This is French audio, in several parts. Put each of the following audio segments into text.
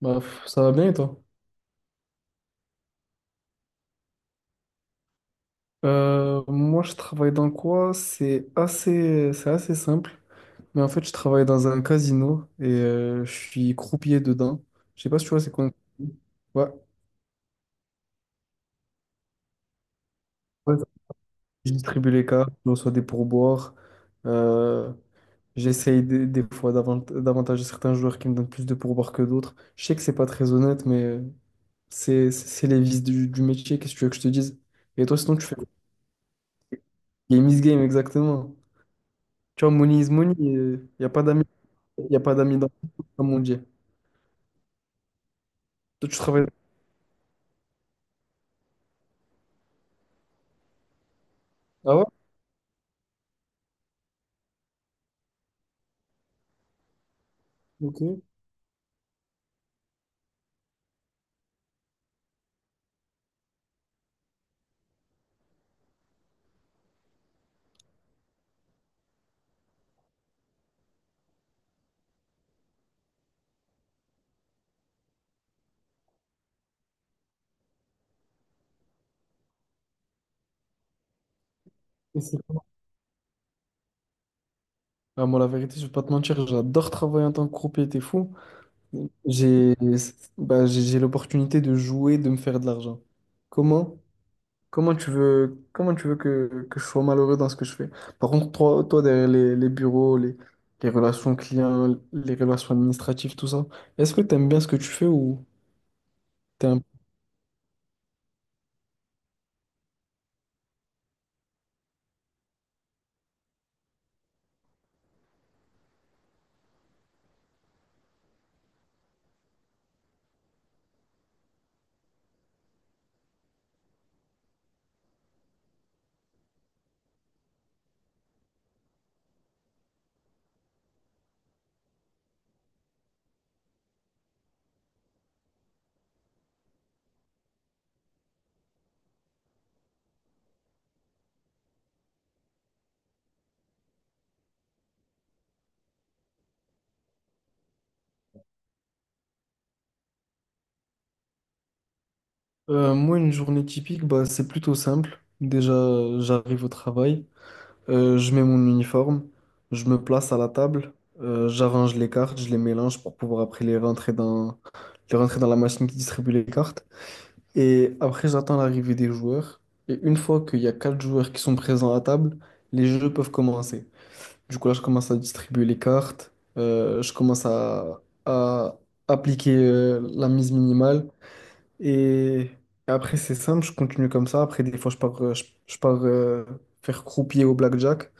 Bah, pff, ça va bien et toi? Moi, je travaille dans quoi? C'est assez simple. Mais en fait, je travaille dans un casino et je suis croupier dedans. Je sais pas si tu vois, c'est quoi, un croupier? Ouais. Ouais, je distribue les cartes, je reçois des pourboires. Euh, J'essaye des fois d'avantager certains joueurs qui me donnent plus de pourboires que d'autres. Je sais que c'est pas très honnête, mais c'est les vices du métier. Qu'est-ce que tu veux que je te dise? Et toi, sinon, tu fais game is game, exactement. Tu vois, money is money. Il n'y a pas d'amis. Il n'y a pas d'amis dans le groupe, comme on dit. Toi, tu travailles. Ah ouais? Ok. C'est- Ah, moi, la vérité, je vais pas te mentir, j'adore travailler en tant que croupier, t'es fou. J'ai bah, j'ai l'opportunité de jouer, de me faire de l'argent. Comment? Comment tu veux que je sois malheureux dans ce que je fais? Par contre, toi derrière les bureaux, les relations clients, les relations administratives, tout ça, est-ce que tu aimes bien ce que tu fais. T'es un- Moi, une journée typique, bah, c'est plutôt simple. Déjà, j'arrive au travail. Je mets mon uniforme, je me place à la table, j'arrange les cartes, je les mélange pour pouvoir après les rentrer dans la machine qui distribue les cartes. Et après, j'attends l'arrivée des joueurs. Et une fois qu'il y a quatre joueurs qui sont présents à table, les jeux peuvent commencer. Du coup, là, je commence à distribuer les cartes, je commence à appliquer, la mise minimale. Et après, c'est simple, je continue comme ça. Après, des fois, je pars faire croupier au blackjack.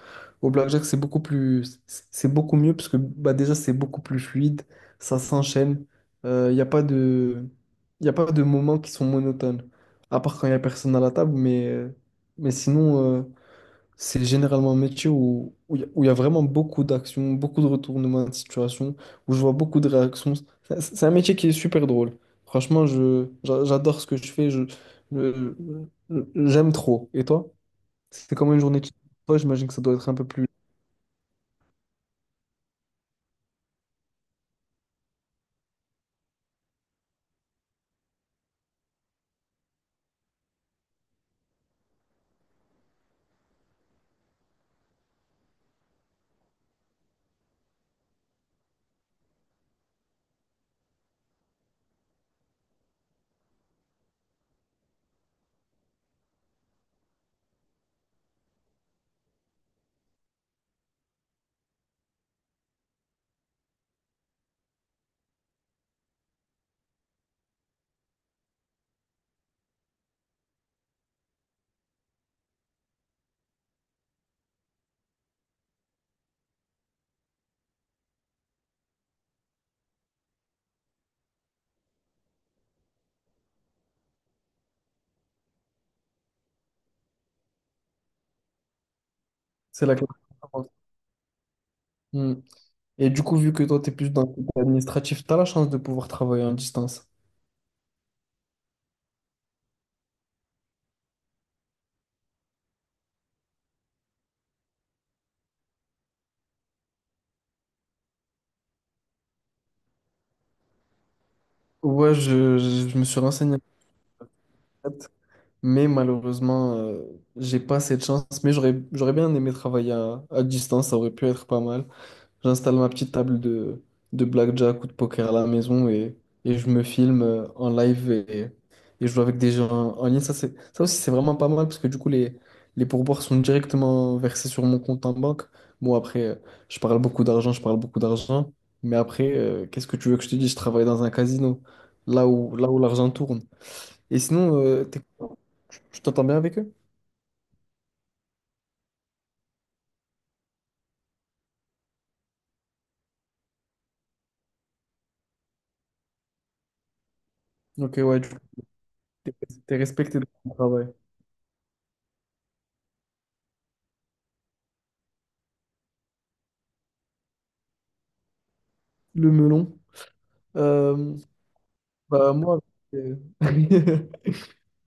Au blackjack, c'est beaucoup mieux parce que bah, déjà, c'est beaucoup plus fluide, ça s'enchaîne. Il n'y a pas de, y a pas de moments qui sont monotones, à part quand il n'y a personne à la table. Mais sinon, c'est généralement un métier où où il y, a où il y a vraiment beaucoup d'actions, beaucoup de retournements de situation, où je vois beaucoup de réactions. C'est un métier qui est super drôle. Franchement, j'adore ce que je fais, je- j'aime trop. Et toi? C'est comment une journée de chez toi, j'imagine que ça doit être un peu plus. C'est la classe. Hmm. Et du coup, vu que toi, tu es plus dans le côté administratif, tu as la chance de pouvoir travailler en distance. Ouais, je me suis renseigné. Mais malheureusement, j'ai pas cette chance. Mais j'aurais bien aimé travailler à distance, ça aurait pu être pas mal. J'installe ma petite table de blackjack ou de poker à la maison et je me filme en live et je joue avec des gens en ligne. Ça aussi, c'est vraiment pas mal parce que du coup, les pourboires sont directement versés sur mon compte en banque. Bon, après, je parle beaucoup d'argent, je parle beaucoup d'argent. Mais après, qu'est-ce que tu veux que je te dise? Je travaille dans un casino, là où l'argent tourne. Et sinon, tu t'entends bien avec eux? Ok, ouais, tu es respecté dans ton travail. Le melon. Euh, Bah, moi, euh,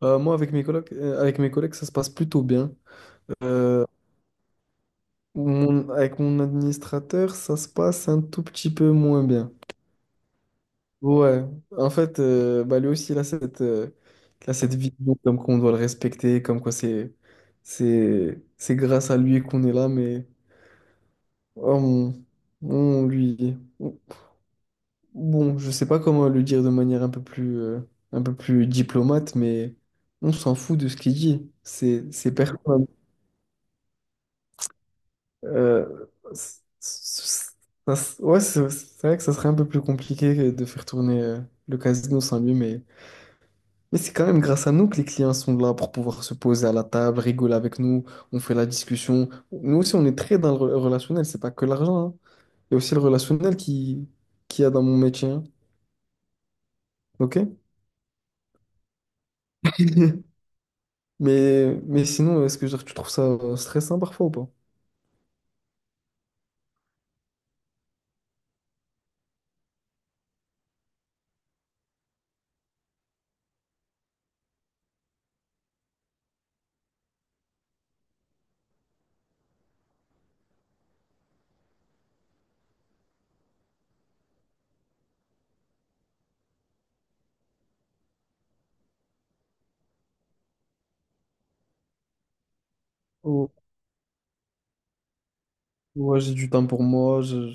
bah, moi avec mes collègues, ça se passe plutôt bien. Euh, Avec mon administrateur, ça se passe un tout petit peu moins bien. Ouais, en fait, bah, lui aussi, il a cette vision comme qu'on doit le respecter, comme quoi c'est grâce à lui qu'on est là, mais oh, on lui. Bon, je sais pas comment le dire de manière un peu plus diplomate, mais on s'en fout de ce qu'il dit. C'est personne. Euh, c- c- ouais, c'est vrai que ça serait un peu plus compliqué de faire tourner le casino sans lui, mais c'est quand même grâce à nous que les clients sont là pour pouvoir se poser à la table, rigoler avec nous, on fait la discussion. Nous aussi, on est très dans le relationnel, c'est pas que l'argent, hein. Il y a aussi le relationnel qui y a dans mon métier, hein. Ok? Mais sinon, est-ce que genre, tu trouves ça stressant parfois ou pas? Ou- Ouais, j'ai du temps pour moi, je,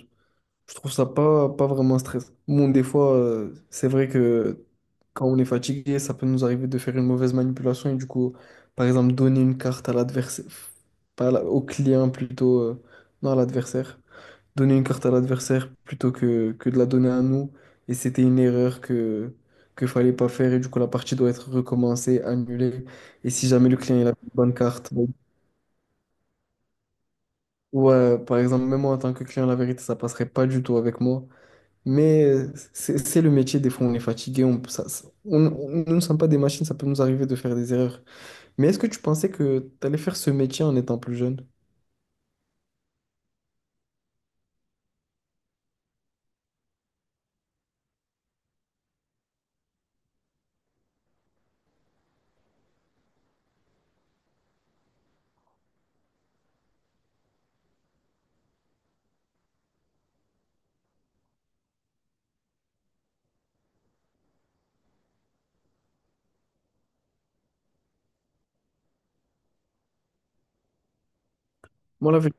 je trouve ça pas vraiment stressant. Bon, des fois, c'est vrai que quand on est fatigué, ça peut nous arriver de faire une mauvaise manipulation et du coup, par exemple, donner une carte à l'adversaire, pas à la- au client plutôt, non, à l'adversaire. Donner une carte à l'adversaire plutôt que de la donner à nous. Et c'était une erreur que fallait pas faire. Et du coup, la partie doit être recommencée, annulée. Et si jamais le client il a une bonne carte, bon, ouais, par exemple, même moi en tant que client, la vérité, ça passerait pas du tout avec moi. Mais c'est le métier, des fois on est fatigué, on, ça- on- nous ne sommes pas des machines, ça peut nous arriver de faire des erreurs. Mais est-ce que tu pensais que tu allais faire ce métier en étant plus jeune? Moi, la, vé-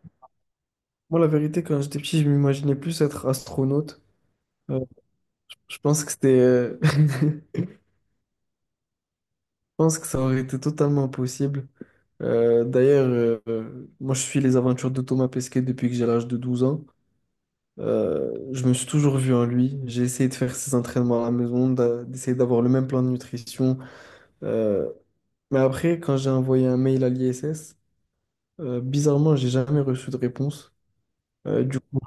Moi, la vérité, quand j'étais petit, je m'imaginais plus être astronaute. Euh, Je pense que je pense que ça aurait été totalement possible. D'ailleurs, moi je suis les aventures de Thomas Pesquet depuis que j'ai l'âge de 12 ans. Je me suis toujours vu en lui. J'ai essayé de faire ses entraînements à la maison, d'essayer d'avoir le même plan de nutrition. Euh, mais après, quand j'ai envoyé un mail à l'ISS, bizarrement, j'ai jamais reçu de réponse. Du coup,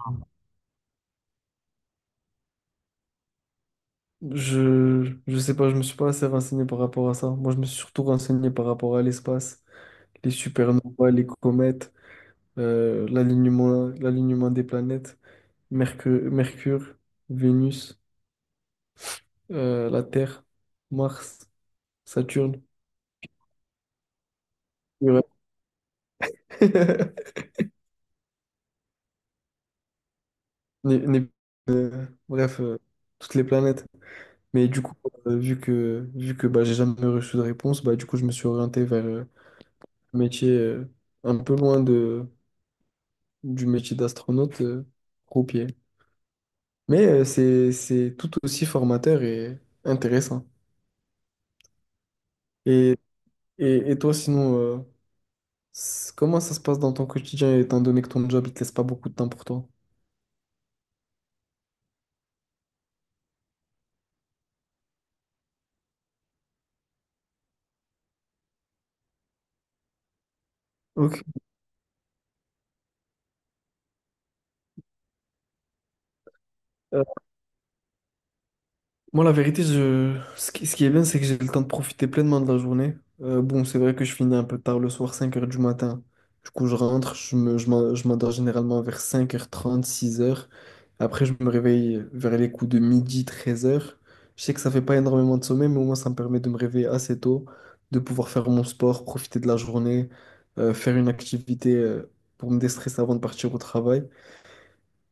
je sais pas, je me suis pas assez renseigné par rapport à ça. Moi, je me suis surtout renseigné par rapport à l'espace, les supernovas, les comètes. L'alignement des planètes, Mercure, Vénus, la Terre, Mars, Saturne, Uranus. Né- né- Bref, toutes les planètes. Mais du coup, vu que bah, j'ai jamais reçu de réponse, bah, du coup, je me suis orienté vers un métier un peu loin du métier d'astronaute, croupier. Mais c'est tout aussi formateur et intéressant. Et, et toi, sinon, comment ça se passe dans ton quotidien étant donné que ton job il te laisse pas beaucoup de temps pour toi? Ok. Moi, la vérité, ce qui est bien, c'est que j'ai le temps de profiter pleinement de la journée. Bon, c'est vrai que je finis un peu tard le soir, 5 heures du matin. Du coup, je rentre, je m'endors généralement vers 5h30, 6 heures. Après, je me réveille vers les coups de midi, 13 heures. Je sais que ça fait pas énormément de sommeil, mais au moins, ça me permet de me réveiller assez tôt, de pouvoir faire mon sport, profiter de la journée, faire une activité, pour me déstresser avant de partir au travail.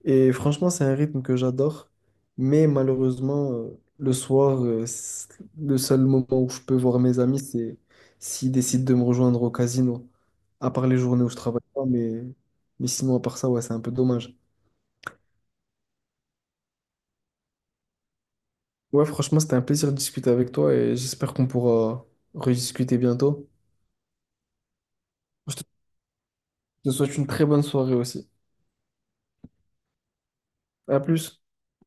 Et franchement, c'est un rythme que j'adore. Mais malheureusement, le soir, le seul moment où je peux voir mes amis, c'est s'ils décident de me rejoindre au casino. À part les journées où je travaille pas, mais sinon, à part ça, ouais, c'est un peu dommage. Ouais, franchement, c'était un plaisir de discuter avec toi et j'espère qu'on pourra rediscuter bientôt. Je te je te souhaite une très bonne soirée aussi. À plus.